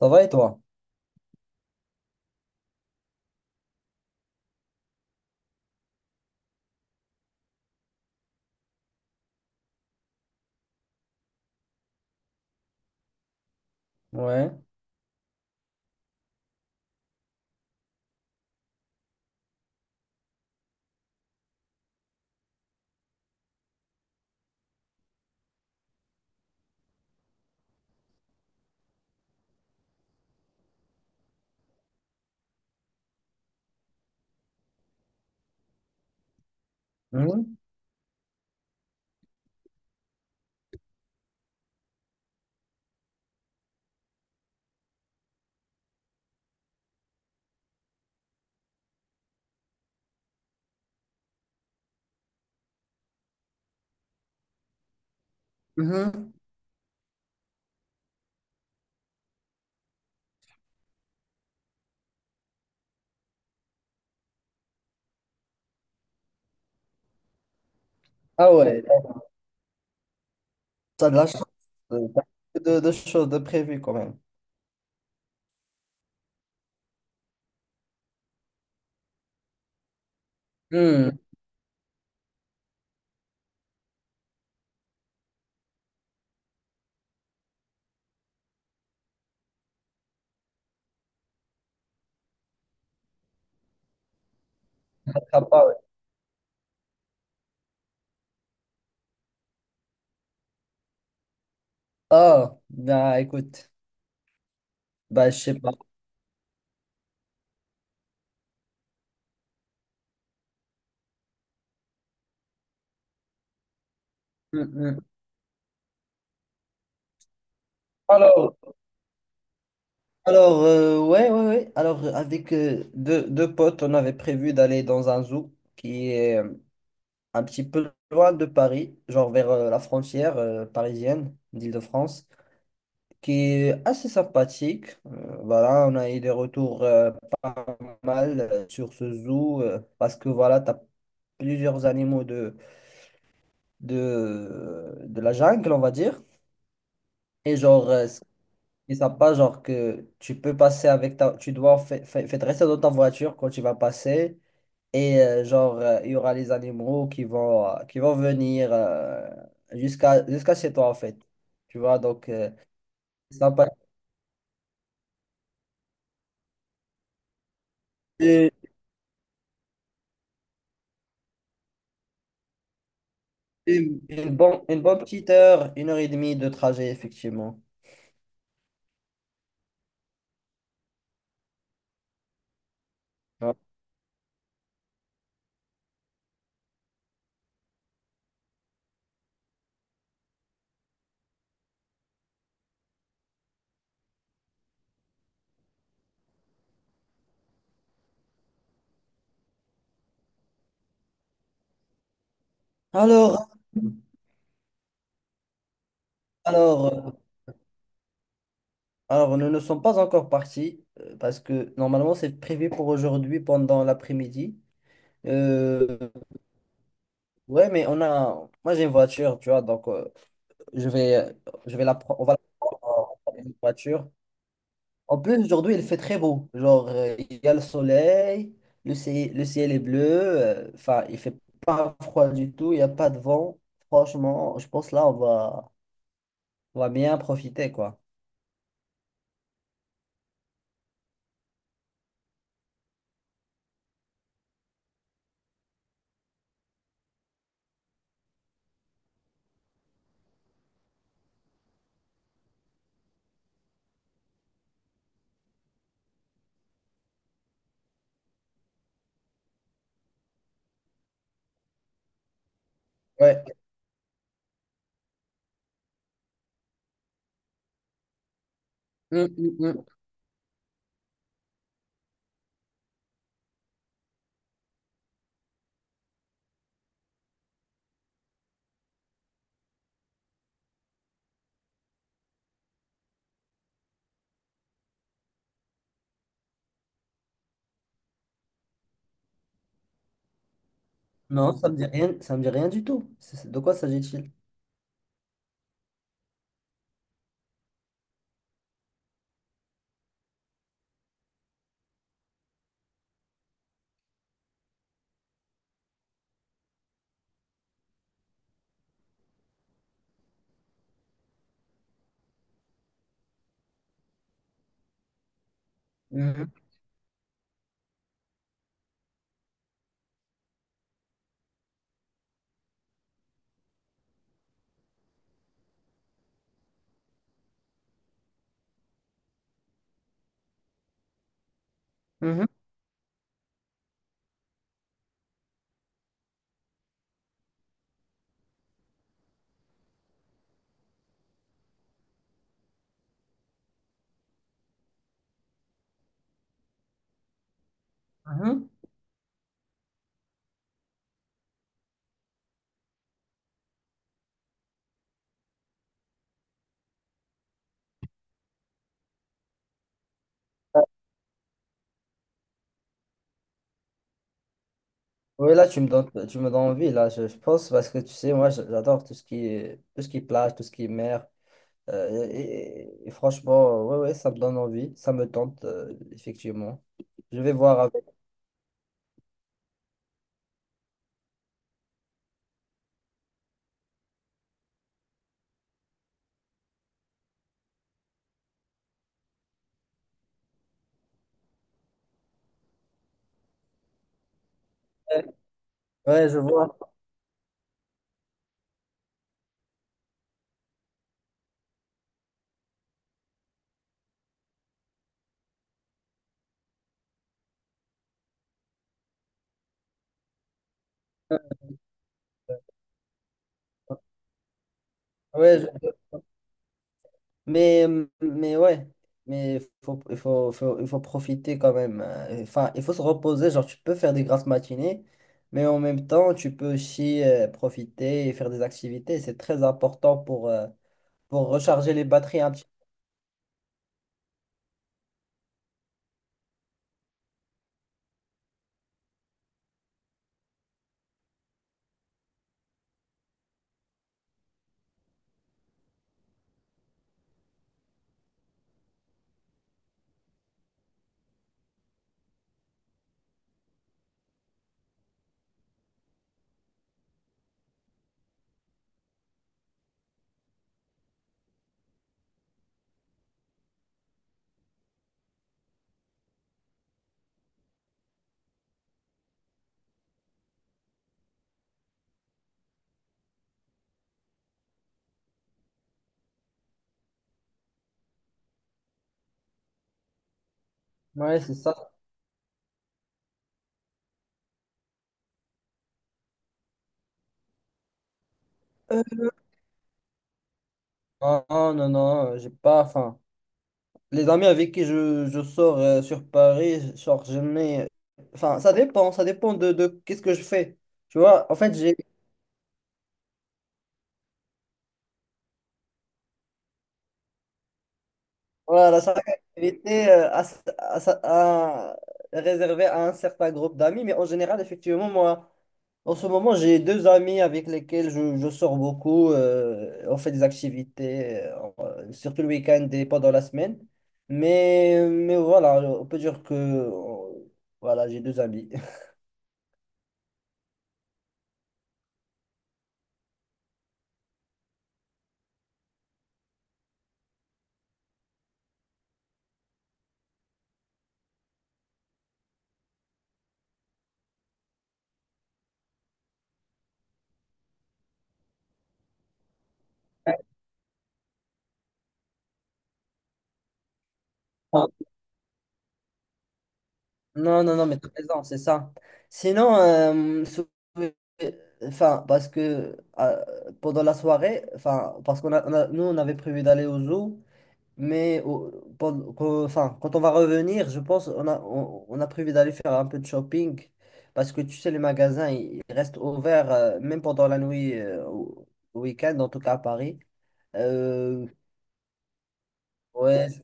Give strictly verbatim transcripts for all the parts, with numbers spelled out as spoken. Ça va et toi? Ouais. Mhm. Mhm. Ah ouais. t'as t'as de la chance. euh, T'as peu de, de choses de prévues quand même. Hmm. Ah, bah ouais. Ah, bah écoute. Bah, je sais pas. Hmm, hmm. Alors, alors euh, ouais, ouais, ouais. Alors, euh, avec euh, deux, deux potes, on avait prévu d'aller dans un zoo qui est euh, un petit peu loin de Paris, genre vers euh, la frontière euh, parisienne d'Île-de-France, qui est assez sympathique. Euh, voilà, on a eu des retours euh, pas mal euh, sur ce zoo euh, parce que voilà, tu as plusieurs animaux de, de, de la jungle, on va dire. Et genre, euh, ce qui est sympa, genre que tu peux passer avec ta... Tu dois fa- fa- fa- rester dans ta voiture quand tu vas passer. Et euh, genre, euh, il y aura les animaux qui vont, euh, qui vont venir euh, jusqu'à jusqu'à chez toi, en fait. Tu vois, donc, euh, c'est sympa. Une, une bonne, une bonne petite heure, une heure et demie de trajet, effectivement. Ouais. Alors, alors, euh, alors, nous ne sommes pas encore partis euh, parce que normalement c'est prévu pour aujourd'hui pendant l'après-midi. Euh, ouais, mais on a, moi j'ai une voiture, tu vois, donc euh, je vais, je vais la, pre- on va la prendre en voiture. En plus, aujourd'hui, il fait très beau. Genre, euh, il y a le soleil, le ciel, le ciel est bleu. euh, Enfin, il fait pas froid du tout, il n'y a pas de vent. Franchement, je pense là, on va, on va bien profiter, quoi. Ouais. Hum, hum, hum. Non, ça me dit rien, ça me dit rien du tout. C'est- c'est- De quoi s'agit-il? Mhm, mhm, mhm. Oui, là, tu me donnes, tu me donnes envie, là, je, je pense, parce que tu sais, moi, j'adore tout ce qui est, tout ce qui est plage, tout ce qui est mer. Euh, et, et- et franchement, ouais, ouais, ça me donne envie, ça me tente, euh, effectivement. Je vais voir avec. Ouais, je vois. Ouais, je- Mais, mais ouais, mais faut, il faut, faut- il faut profiter quand même. euh, Enfin, il faut se reposer. Genre, tu peux faire des grasses matinées, mais en même temps, tu peux aussi euh, profiter et faire des activités. C'est très important pour, euh, pour recharger les batteries un petit peu. Ouais, c'est ça. Non, non, non, non, j'ai pas faim. Les amis avec qui je, je sors euh, sur Paris, genre, je mets... Enfin, ça dépend, ça dépend de, de qu'est-ce que je fais. Tu vois, en fait, j'ai... Voilà, chaque activité euh, à, s- à sa- à- réservée à un certain groupe d'amis, mais en général, effectivement, moi, en ce moment, j'ai deux amis avec lesquels je, je sors beaucoup. Euh, on fait des activités, euh, en- surtout le week-end et pendant la semaine. Mais, mais voilà, on peut dire que... euh, Voilà, j'ai deux amis. Non, non, non, mais t'as raison, c'est ça. Sinon, euh, sou- enfin, parce que euh, pendant la soirée, enfin, parce qu'on a, on a- nous, on avait prévu d'aller au zoo, mais au- pen- qu'au- enfin, quand on va revenir, je pense, on a, on, on a prévu d'aller faire un peu de shopping, parce que tu sais, les magasins, ils ils restent ouverts, euh, même pendant la nuit, euh, au au week-end, en tout cas à Paris. Euh, ouais, je-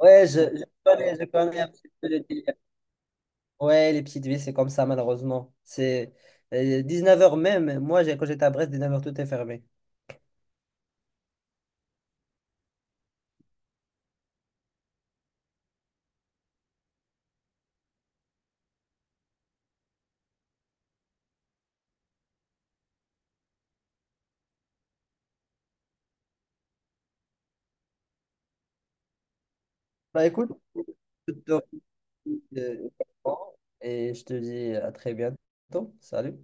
ouais, je, je connais, je connais un petit peu le délire. Ouais, les petites villes, c'est comme ça, malheureusement. C'est euh, dix-neuf heures même. Moi, j'ai, quand j'étais à Brest, dix-neuf heures tout est fermé. Bah écoute, je te remercie, euh, et je te dis à très bientôt. Salut.